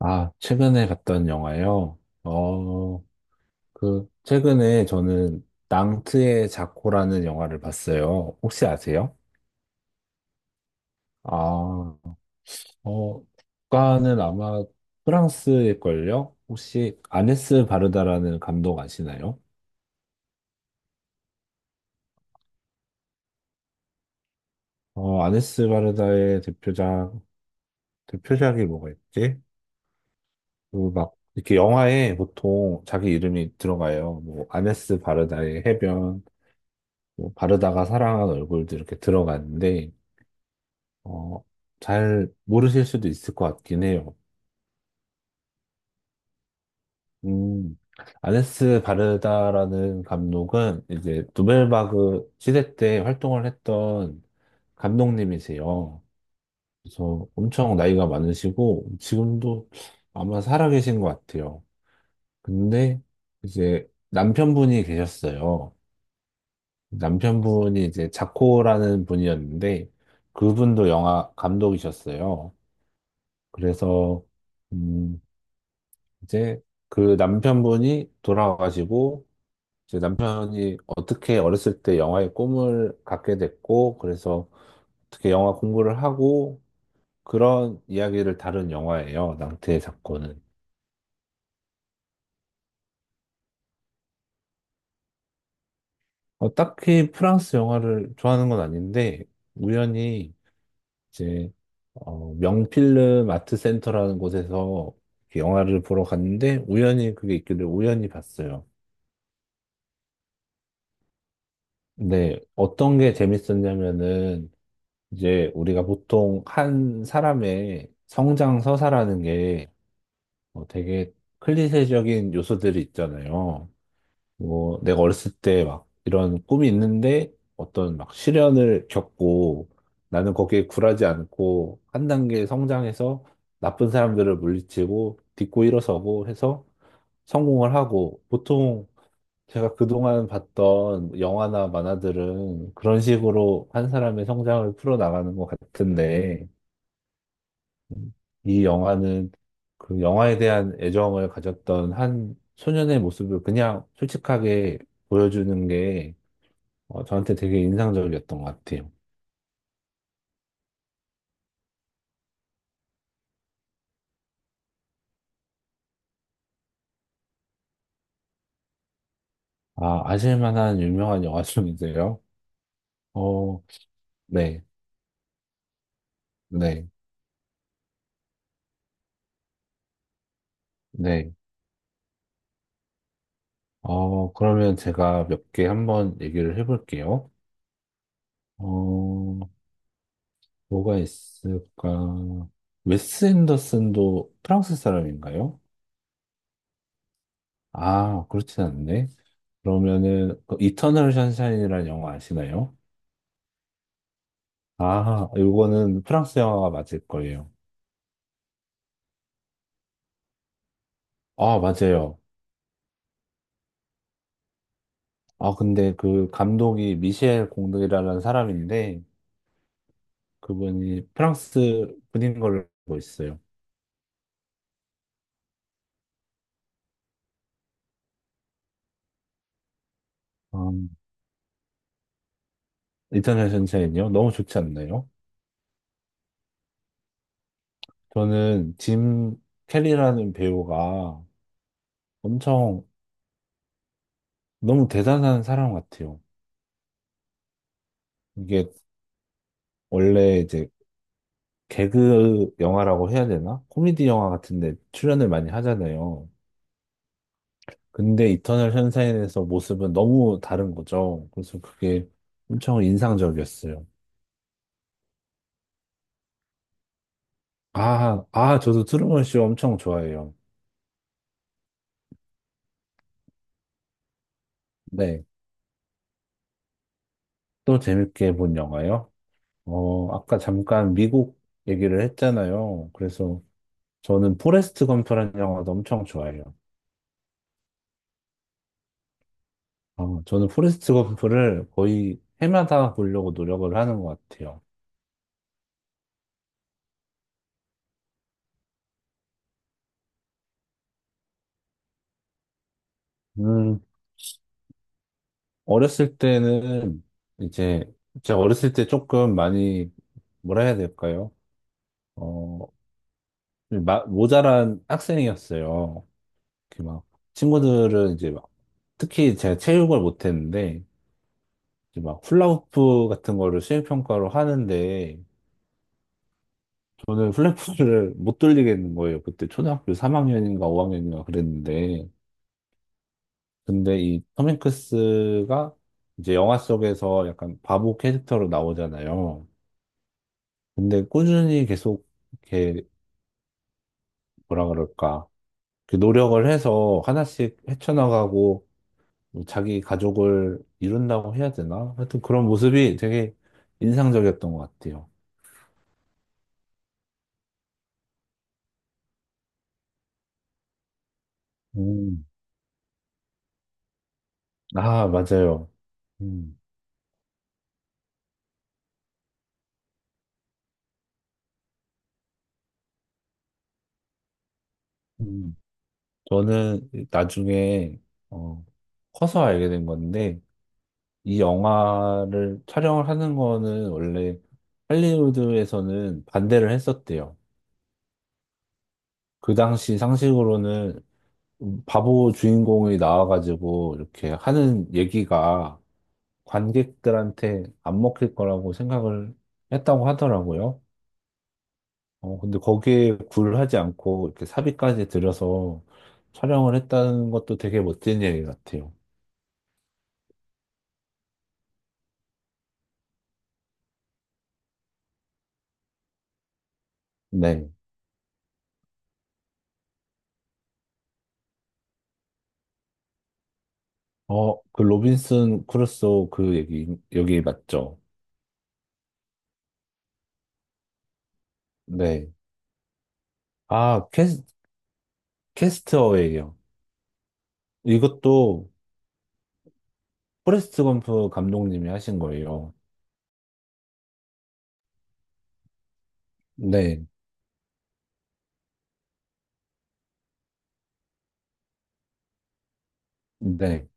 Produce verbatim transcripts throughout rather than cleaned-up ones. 아, 최근에 봤던 영화요? 어, 그, 최근에 저는 낭트의 자코라는 영화를 봤어요. 혹시 아세요? 아, 어, 국가는 아마 프랑스일걸요? 혹시 아네스 바르다라는 감독 아시나요? 어, 아네스 바르다의 대표작, 대표작이 뭐가 있지? 그 막, 이렇게 영화에 보통 자기 이름이 들어가요. 뭐, 아네스 바르다의 해변, 뭐 바르다가 사랑한 얼굴도 이렇게 들어가는데, 어, 잘 모르실 수도 있을 것 같긴 해요. 음, 아네스 바르다라는 감독은 이제 누벨바그 시대 때 활동을 했던 감독님이세요. 그래서 엄청 나이가 많으시고 지금도 아마 살아계신 것 같아요. 근데 이제 남편분이 계셨어요. 남편분이 이제 자코라는 분이었는데 그분도 영화 감독이셨어요. 그래서 음, 이제 그 남편분이 돌아가시고 이제 남편이 어떻게 어렸을 때 영화의 꿈을 갖게 됐고 그래서 어떻게 영화 공부를 하고 그런 이야기를 다룬 영화예요. 낭태의 사건은. 어, 딱히 프랑스 영화를 좋아하는 건 아닌데 우연히 이제 어, 명필름 아트센터라는 곳에서 이렇게 영화를 보러 갔는데 우연히 그게 있길래 우연히 봤어요. 근데 어떤 게 재밌었냐면은 이제 우리가 보통 한 사람의 성장 서사라는 게 어, 되게 클리셰적인 요소들이 있잖아요. 뭐 내가 어렸을 때 막 이런 꿈이 있는데 어떤 막 시련을 겪고 나는 거기에 굴하지 않고 한 단계 성장해서 나쁜 사람들을 물리치고 딛고 일어서고 해서 성공을 하고 보통 제가 그동안 봤던 영화나 만화들은 그런 식으로 한 사람의 성장을 풀어나가는 것 같은데 이 영화는 그 영화에 대한 애정을 가졌던 한 소년의 모습을 그냥 솔직하게 보여주는 게 어, 저한테 되게 인상적이었던 것 같아요. 아, 아실 만한 유명한 영화 중이세요? 어, 네, 네, 네. 어, 그러면 제가 몇 개 한번 얘기를 해볼게요. 어, 뭐가 있을까? 웨스 앤더슨도 프랑스 사람인가요? 아, 그렇진 않네. 그러면은 그 이터널 션샤인이라는 영화 아시나요? 아, 이거는 프랑스 영화가 맞을 거예요. 아, 맞아요. 아, 근데 그 감독이 미셸 공이라는 사람인데 그분이 프랑스 분인 걸로 알고 있어요. 아, 이터널 션샤인이요? 너무 좋지 않나요? 저는 짐 캐리라는 배우가 엄청 너무 대단한 사람 같아요. 이게 원래 이제 개그 영화라고 해야 되나? 코미디 영화 같은데 출연을 많이 하잖아요. 근데 이터널 션샤인에서 모습은 너무 다른 거죠. 그래서 그게 엄청 인상적이었어요. 아, 아, 저도 트루먼 쇼 엄청 좋아해요. 네. 또 재밌게 본 영화요? 어, 아까 잠깐 미국 얘기를 했잖아요. 그래서 저는 포레스트 검프라는 영화도 엄청 좋아해요. 어, 저는 포레스트 검프를 거의 해마다 보려고 노력을 하는 것 같아요. 음, 어렸을 때는 이제 제가 어렸을 때 조금 많이 뭐라 해야 될까요? 어, 마- 모자란 학생이었어요. 이렇게 막 친구들은 이제 막 특히 제가 체육을 못했는데 이제 막 훌라후프 같은 거를 수행평가로 하는데 저는 훌라후프를 못 돌리겠는 거예요. 그때 초등학교 삼 학년인가 오 학년인가 그랬는데 근데 이 톰 행크스가 이제 영화 속에서 약간 바보 캐릭터로 나오잖아요. 근데 꾸준히 계속 이렇게 뭐라 그럴까 이렇게 노력을 해서 하나씩 헤쳐나가고 뭐 자기 가족을 이룬다고 해야 되나? 하여튼 그런 모습이 되게 인상적이었던 것 같아요. 음. 아, 맞아요. 음. 음. 저는 나중에 어, 커서 알게 된 건데 이 영화를 촬영을 하는 거는 원래 할리우드에서는 반대를 했었대요. 그 당시 상식으로는 음, 바보 주인공이 나와가지고 이렇게 하는 얘기가 관객들한테 안 먹힐 거라고 생각을 했다고 하더라고요. 어, 근데 거기에 굴하지 않고 이렇게 사비까지 들여서 촬영을 했다는 것도 되게 멋진 얘기 같아요. 네. 어, 그 로빈슨 크루소 그 얘기, 여기 맞죠? 네. 아, 캐스, 캐스트어웨이요. 이것도 포레스트 검프 감독님이 하신 거예요. 네. 네.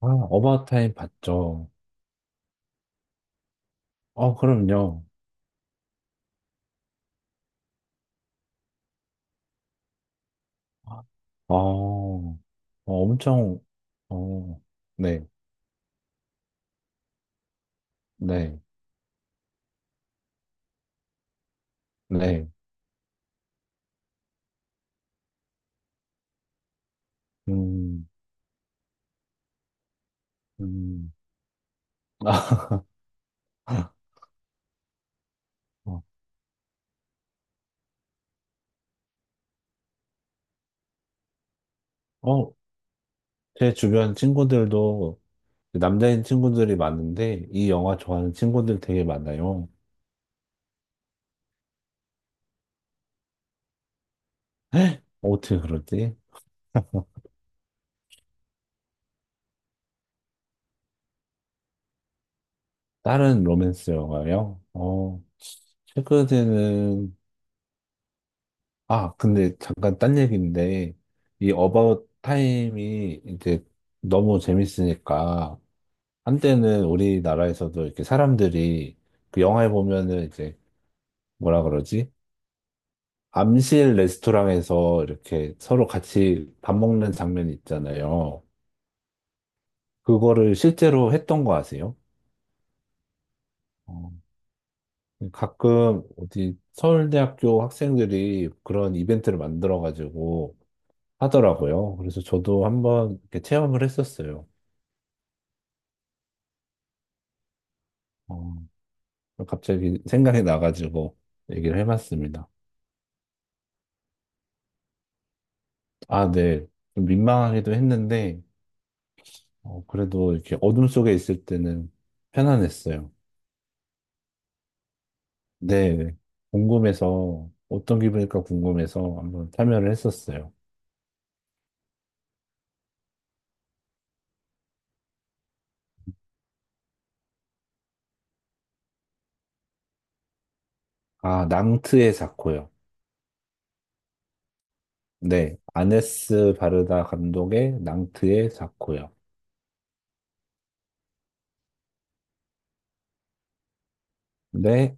아, 어바웃타임 봤죠. 어, 그럼요. 아, 어, 엄청, 어, 네, 네, 네. 음, 음. 어, 어, 제 주변 친구들도 남자인 친구들이 많은데 이 영화 좋아하는 친구들 되게 많아요. 어떻게 그러지? 다른 로맨스 영화요? 어, 최근에는 아, 근데 잠깐 딴 얘기인데, 이 어바웃 타임이 이제 너무 재밌으니까, 한때는 우리나라에서도 이렇게 사람들이 그 영화에 보면은 이제 뭐라 그러지? 암실 레스토랑에서 이렇게 서로 같이 밥 먹는 장면이 있잖아요. 그거를 실제로 했던 거 아세요? 어, 가끔 어디 서울대학교 학생들이 그런 이벤트를 만들어가지고 하더라고요. 그래서 저도 한번 이렇게 체험을 했었어요. 어, 갑자기 생각이 나가지고 얘기를 해봤습니다. 아, 네. 좀 민망하기도 했는데, 어, 그래도 이렇게 어둠 속에 있을 때는 편안했어요. 네. 궁금해서, 어떤 기분일까 궁금해서 한번 참여를 했었어요. 아, 낭트의 사코요. 네. 아네스 바르다 감독의 낭트의 사코요. 네.